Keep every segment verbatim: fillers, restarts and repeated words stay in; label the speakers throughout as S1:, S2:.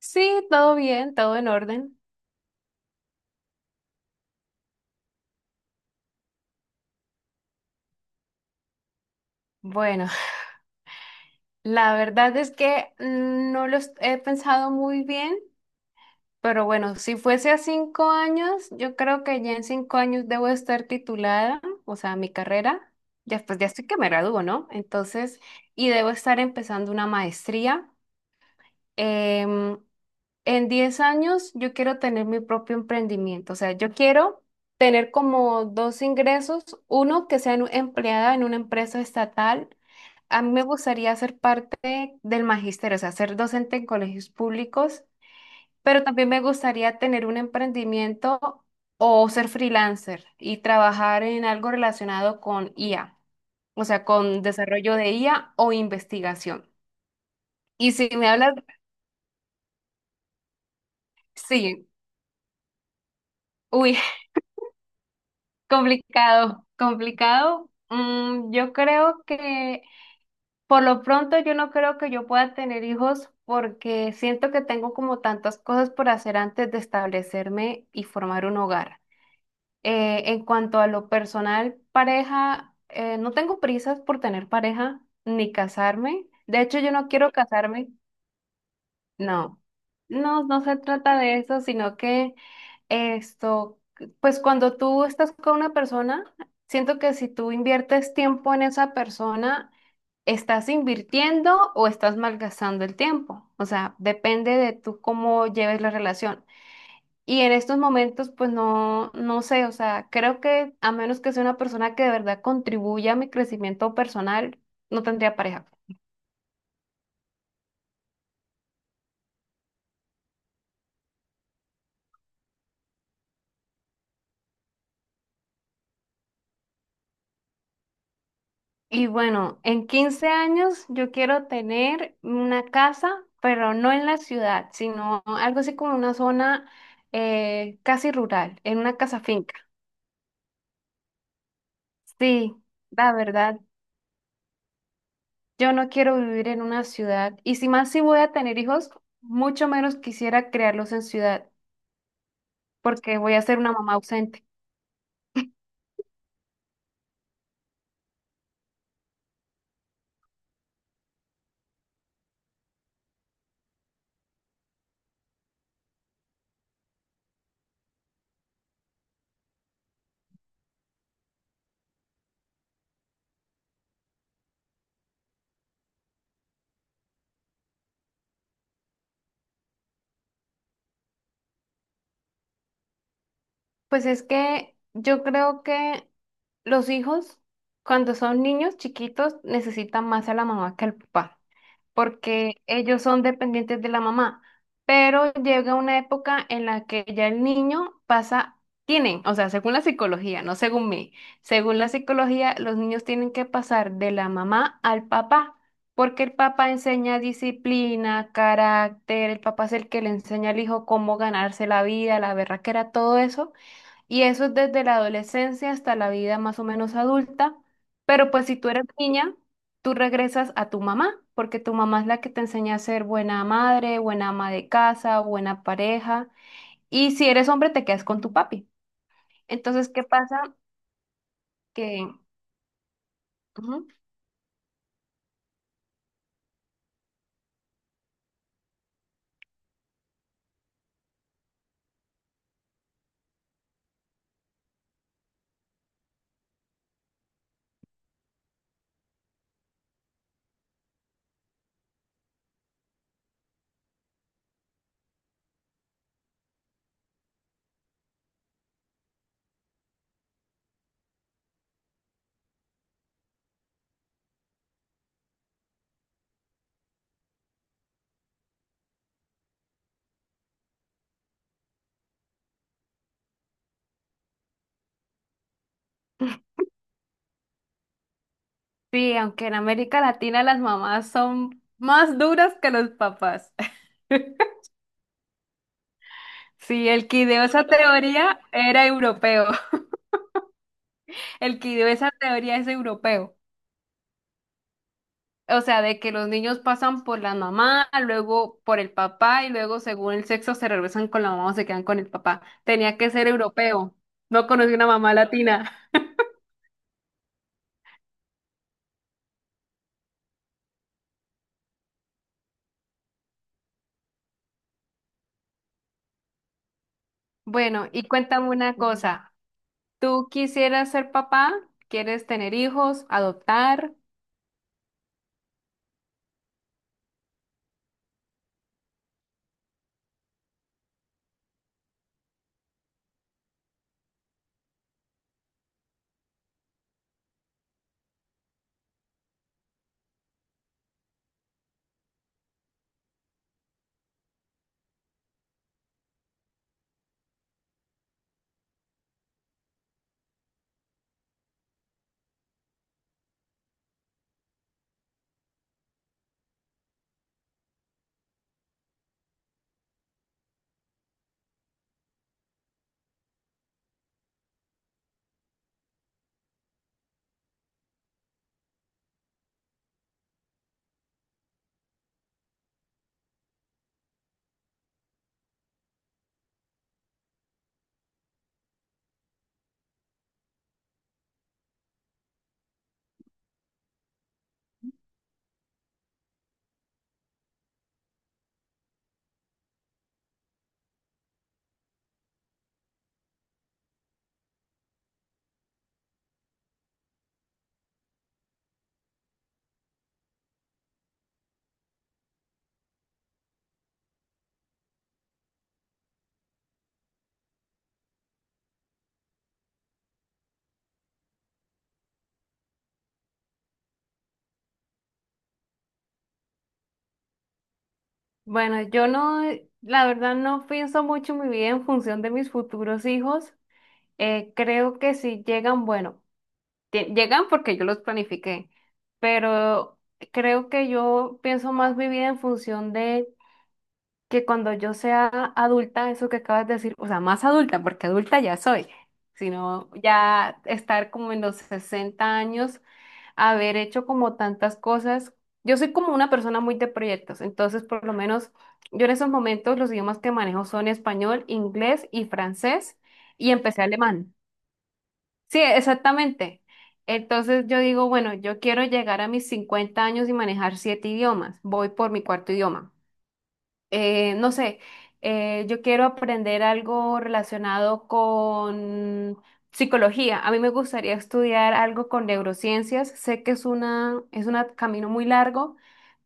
S1: Sí, todo bien, todo en orden. Bueno, la verdad es que no lo est- he pensado muy bien, pero bueno, si fuese a cinco años, yo creo que ya en cinco años debo estar titulada, o sea, mi carrera, ya, pues ya estoy que me gradúo, ¿no? Entonces, y debo estar empezando una maestría. em, En diez años yo quiero tener mi propio emprendimiento, o sea, yo quiero tener como dos ingresos, uno que sea en- empleada en una empresa estatal. A mí me gustaría ser parte del magisterio, o sea, ser docente en colegios públicos, pero también me gustaría tener un emprendimiento o ser freelancer y trabajar en algo relacionado con I A, o sea, con desarrollo de I A o investigación. Y si me hablas, sí, uy, complicado, complicado. Mm, yo creo que por lo pronto yo no creo que yo pueda tener hijos porque siento que tengo como tantas cosas por hacer antes de establecerme y formar un hogar. Eh, en cuanto a lo personal, pareja, eh, no tengo prisas por tener pareja ni casarme. De hecho, yo no quiero casarme. No, no, no se trata de eso, sino que esto, pues cuando tú estás con una persona, siento que si tú inviertes tiempo en esa persona, estás invirtiendo o estás malgastando el tiempo. O sea, depende de tú cómo lleves la relación. Y en estos momentos, pues no, no sé, o sea, creo que a menos que sea una persona que de verdad contribuya a mi crecimiento personal, no tendría pareja. Y bueno, en quince años yo quiero tener una casa, pero no en la ciudad, sino algo así como una zona eh, casi rural, en una casa finca. Sí, la verdad, yo no quiero vivir en una ciudad. Y si más si voy a tener hijos, mucho menos quisiera criarlos en ciudad, porque voy a ser una mamá ausente. Pues es que yo creo que los hijos, cuando son niños chiquitos, necesitan más a la mamá que al papá, porque ellos son dependientes de la mamá. Pero llega una época en la que ya el niño pasa, tienen, o sea, según la psicología, no según mí, según la psicología, los niños tienen que pasar de la mamá al papá, porque el papá enseña disciplina, carácter, el papá es el que le enseña al hijo cómo ganarse la vida, la berraquera, todo eso. Y eso es desde la adolescencia hasta la vida más o menos adulta. Pero pues si tú eres niña, tú regresas a tu mamá, porque tu mamá es la que te enseña a ser buena madre, buena ama de casa, buena pareja. Y si eres hombre, te quedas con tu papi. Entonces, ¿qué pasa? Que Ujú. Sí, aunque en América Latina las mamás son más duras que los papás. Sí, el que ideó esa teoría era europeo. El que ideó esa teoría es europeo. O sea, de que los niños pasan por la mamá, luego por el papá y luego según el sexo se regresan con la mamá o se quedan con el papá. Tenía que ser europeo. No conocí una mamá latina. Bueno, y cuéntame una cosa. ¿Tú quisieras ser papá? ¿Quieres tener hijos? ¿Adoptar? Bueno, yo no, la verdad no pienso mucho mi vida en función de mis futuros hijos. Eh, creo que si llegan, bueno. Tie- Llegan porque yo los planifiqué, pero creo que yo pienso más mi vida en función de que cuando yo sea adulta, eso que acabas de decir, o sea, más adulta, porque adulta ya soy, sino ya estar como en los sesenta años, haber hecho como tantas cosas. Yo soy como una persona muy de proyectos, entonces por lo menos yo en esos momentos los idiomas que manejo son español, inglés y francés y empecé alemán. Sí, exactamente. Entonces yo digo, bueno, yo quiero llegar a mis cincuenta años y manejar siete idiomas. Voy por mi cuarto idioma. Eh, no sé, eh, Yo quiero aprender algo relacionado con psicología. A mí me gustaría estudiar algo con neurociencias. Sé que es una, es un camino muy largo,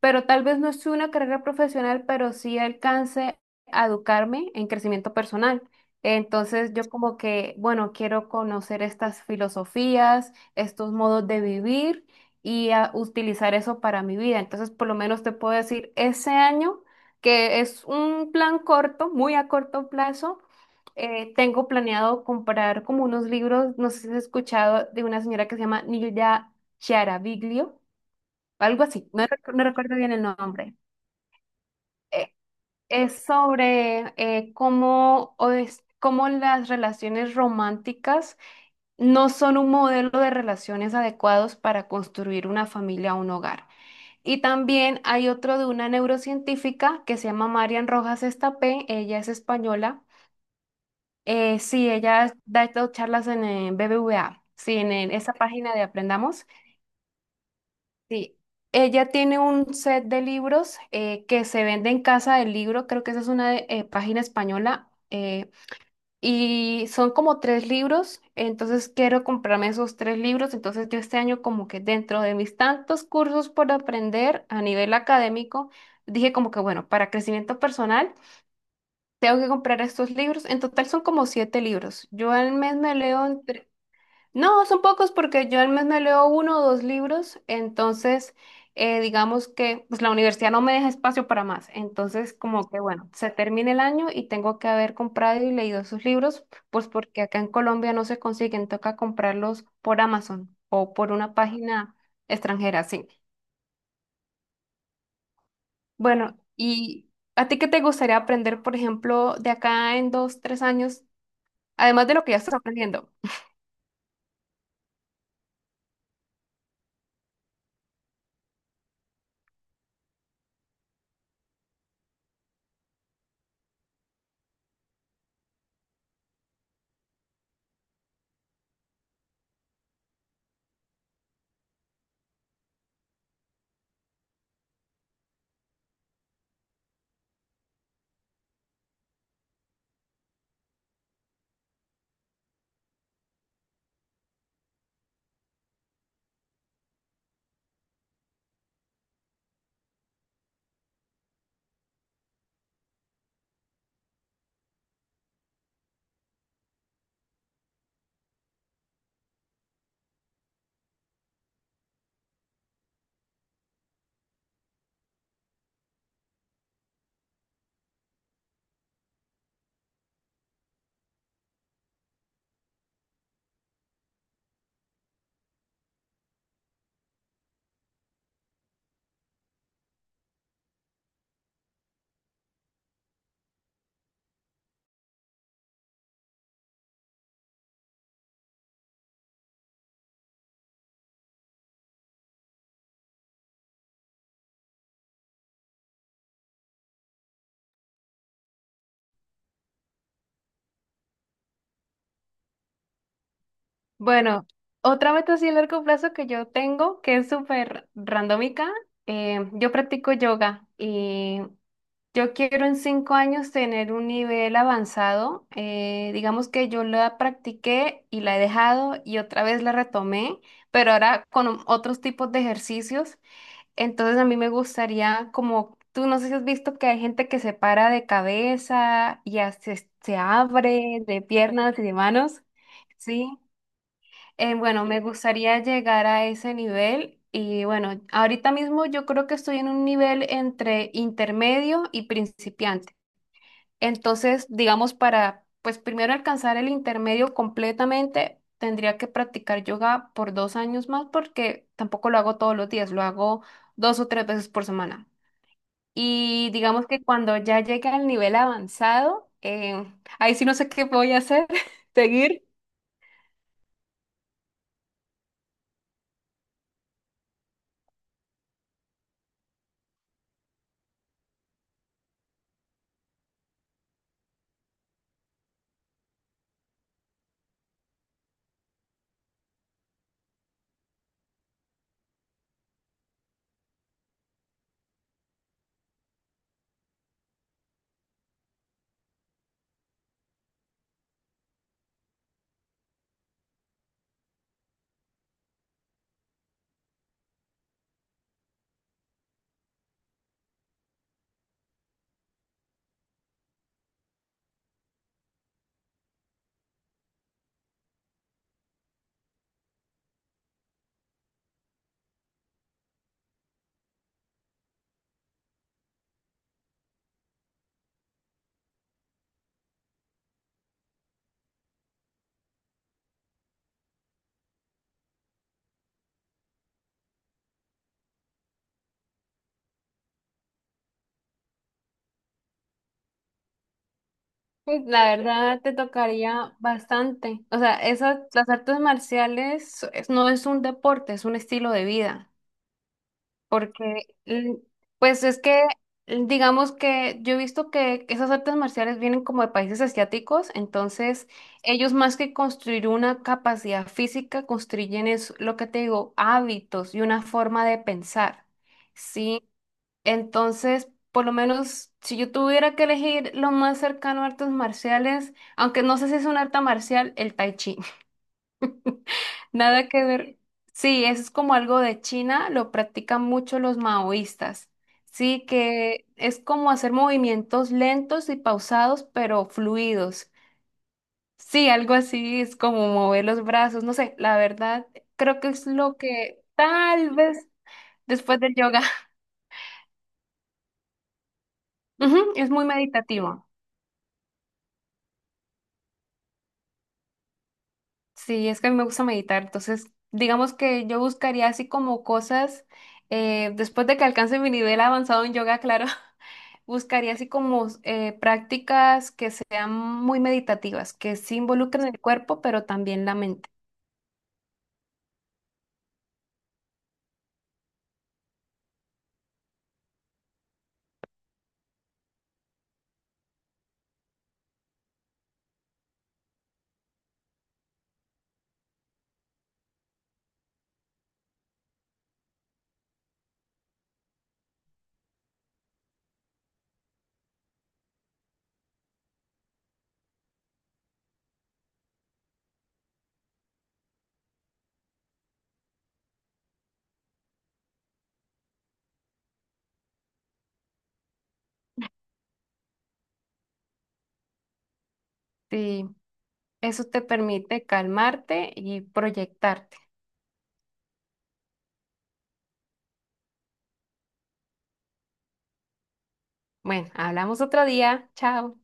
S1: pero tal vez no es una carrera profesional, pero sí alcance a educarme en crecimiento personal. Entonces yo como que, bueno, quiero conocer estas filosofías, estos modos de vivir y a utilizar eso para mi vida. Entonces, por lo menos te puedo decir, ese año que es un plan corto, muy a corto plazo. Eh, tengo planeado comprar como unos libros, no sé si has escuchado, de una señora que se llama Nilda Chiaraviglio, algo así, no, rec- no recuerdo bien el nombre. Eh, es sobre eh, cómo, o es- cómo las relaciones románticas no son un modelo de relaciones adecuados para construir una familia o un hogar. Y también hay otro de una neurocientífica que se llama Marian Rojas Estapé, ella es española. Eh, sí, ella da estas charlas en el B B V A, sí, en el- esa página de Aprendamos. Sí, ella tiene un set de libros eh, que se vende en Casa del Libro, creo que esa es una de- eh, página española. Eh, y son como tres libros, entonces quiero comprarme esos tres libros. Entonces yo este año como que dentro de mis tantos cursos por aprender a nivel académico, dije como que bueno, para crecimiento personal tengo que comprar estos libros. En total son como siete libros. Yo al mes me leo. No, son pocos porque yo al mes me leo uno o dos libros, entonces eh, digamos que pues, la universidad no me deja espacio para más, entonces como que bueno, se termina el año y tengo que haber comprado y leído sus libros, pues porque acá en Colombia no se consiguen, toca comprarlos por Amazon o por una página extranjera, sí. Bueno, ¿y a ti qué te gustaría aprender, por ejemplo, de acá en dos, tres años, además de lo que ya estás aprendiendo? Bueno, otra meta así a largo plazo que yo tengo, que es súper randómica, eh, yo practico yoga y yo quiero en cinco años tener un nivel avanzado. Eh, digamos que yo la practiqué y la he dejado y otra vez la retomé, pero ahora con otros tipos de ejercicios. Entonces a mí me gustaría como... Tú no sé si has visto que hay gente que se para de cabeza y hace- se abre de piernas y de manos, ¿sí? Eh, bueno, me gustaría llegar a ese nivel y bueno, ahorita mismo yo creo que estoy en un nivel entre intermedio y principiante. Entonces, digamos, para pues primero alcanzar el intermedio completamente, tendría que practicar yoga por dos años más porque tampoco lo hago todos los días, lo hago dos o tres veces por semana. Y digamos que cuando ya llegue al nivel avanzado, eh, ahí sí no sé qué voy a hacer, seguir. Pues la verdad te tocaría bastante. O sea, esas, las artes marciales es- no es un deporte, es un estilo de vida. Porque, mm, pues es que, mm, digamos que yo he visto que esas artes marciales vienen como de países asiáticos, entonces ellos más que construir una capacidad física, construyen es lo que te digo, hábitos y una forma de pensar, ¿sí? Entonces, por lo menos si yo tuviera que elegir lo más cercano a artes marciales, aunque no sé si es un arte marcial, el tai chi. Nada que ver. Sí, eso es como algo de China, lo practican mucho los maoístas. Sí, que es como hacer movimientos lentos y pausados, pero fluidos. Sí, algo así es como mover los brazos, no sé, la verdad, creo que es lo que tal vez después del yoga. Ujú, es muy meditativo. Sí, es que a mí me gusta meditar, entonces digamos que yo buscaría así como cosas, eh, después de que alcance mi nivel avanzado en yoga, claro. Buscaría así como eh, prácticas que sean muy meditativas, que sí involucren el cuerpo, pero también la mente. Sí, eso te permite calmarte y proyectarte. Bueno, hablamos otro día. Chao.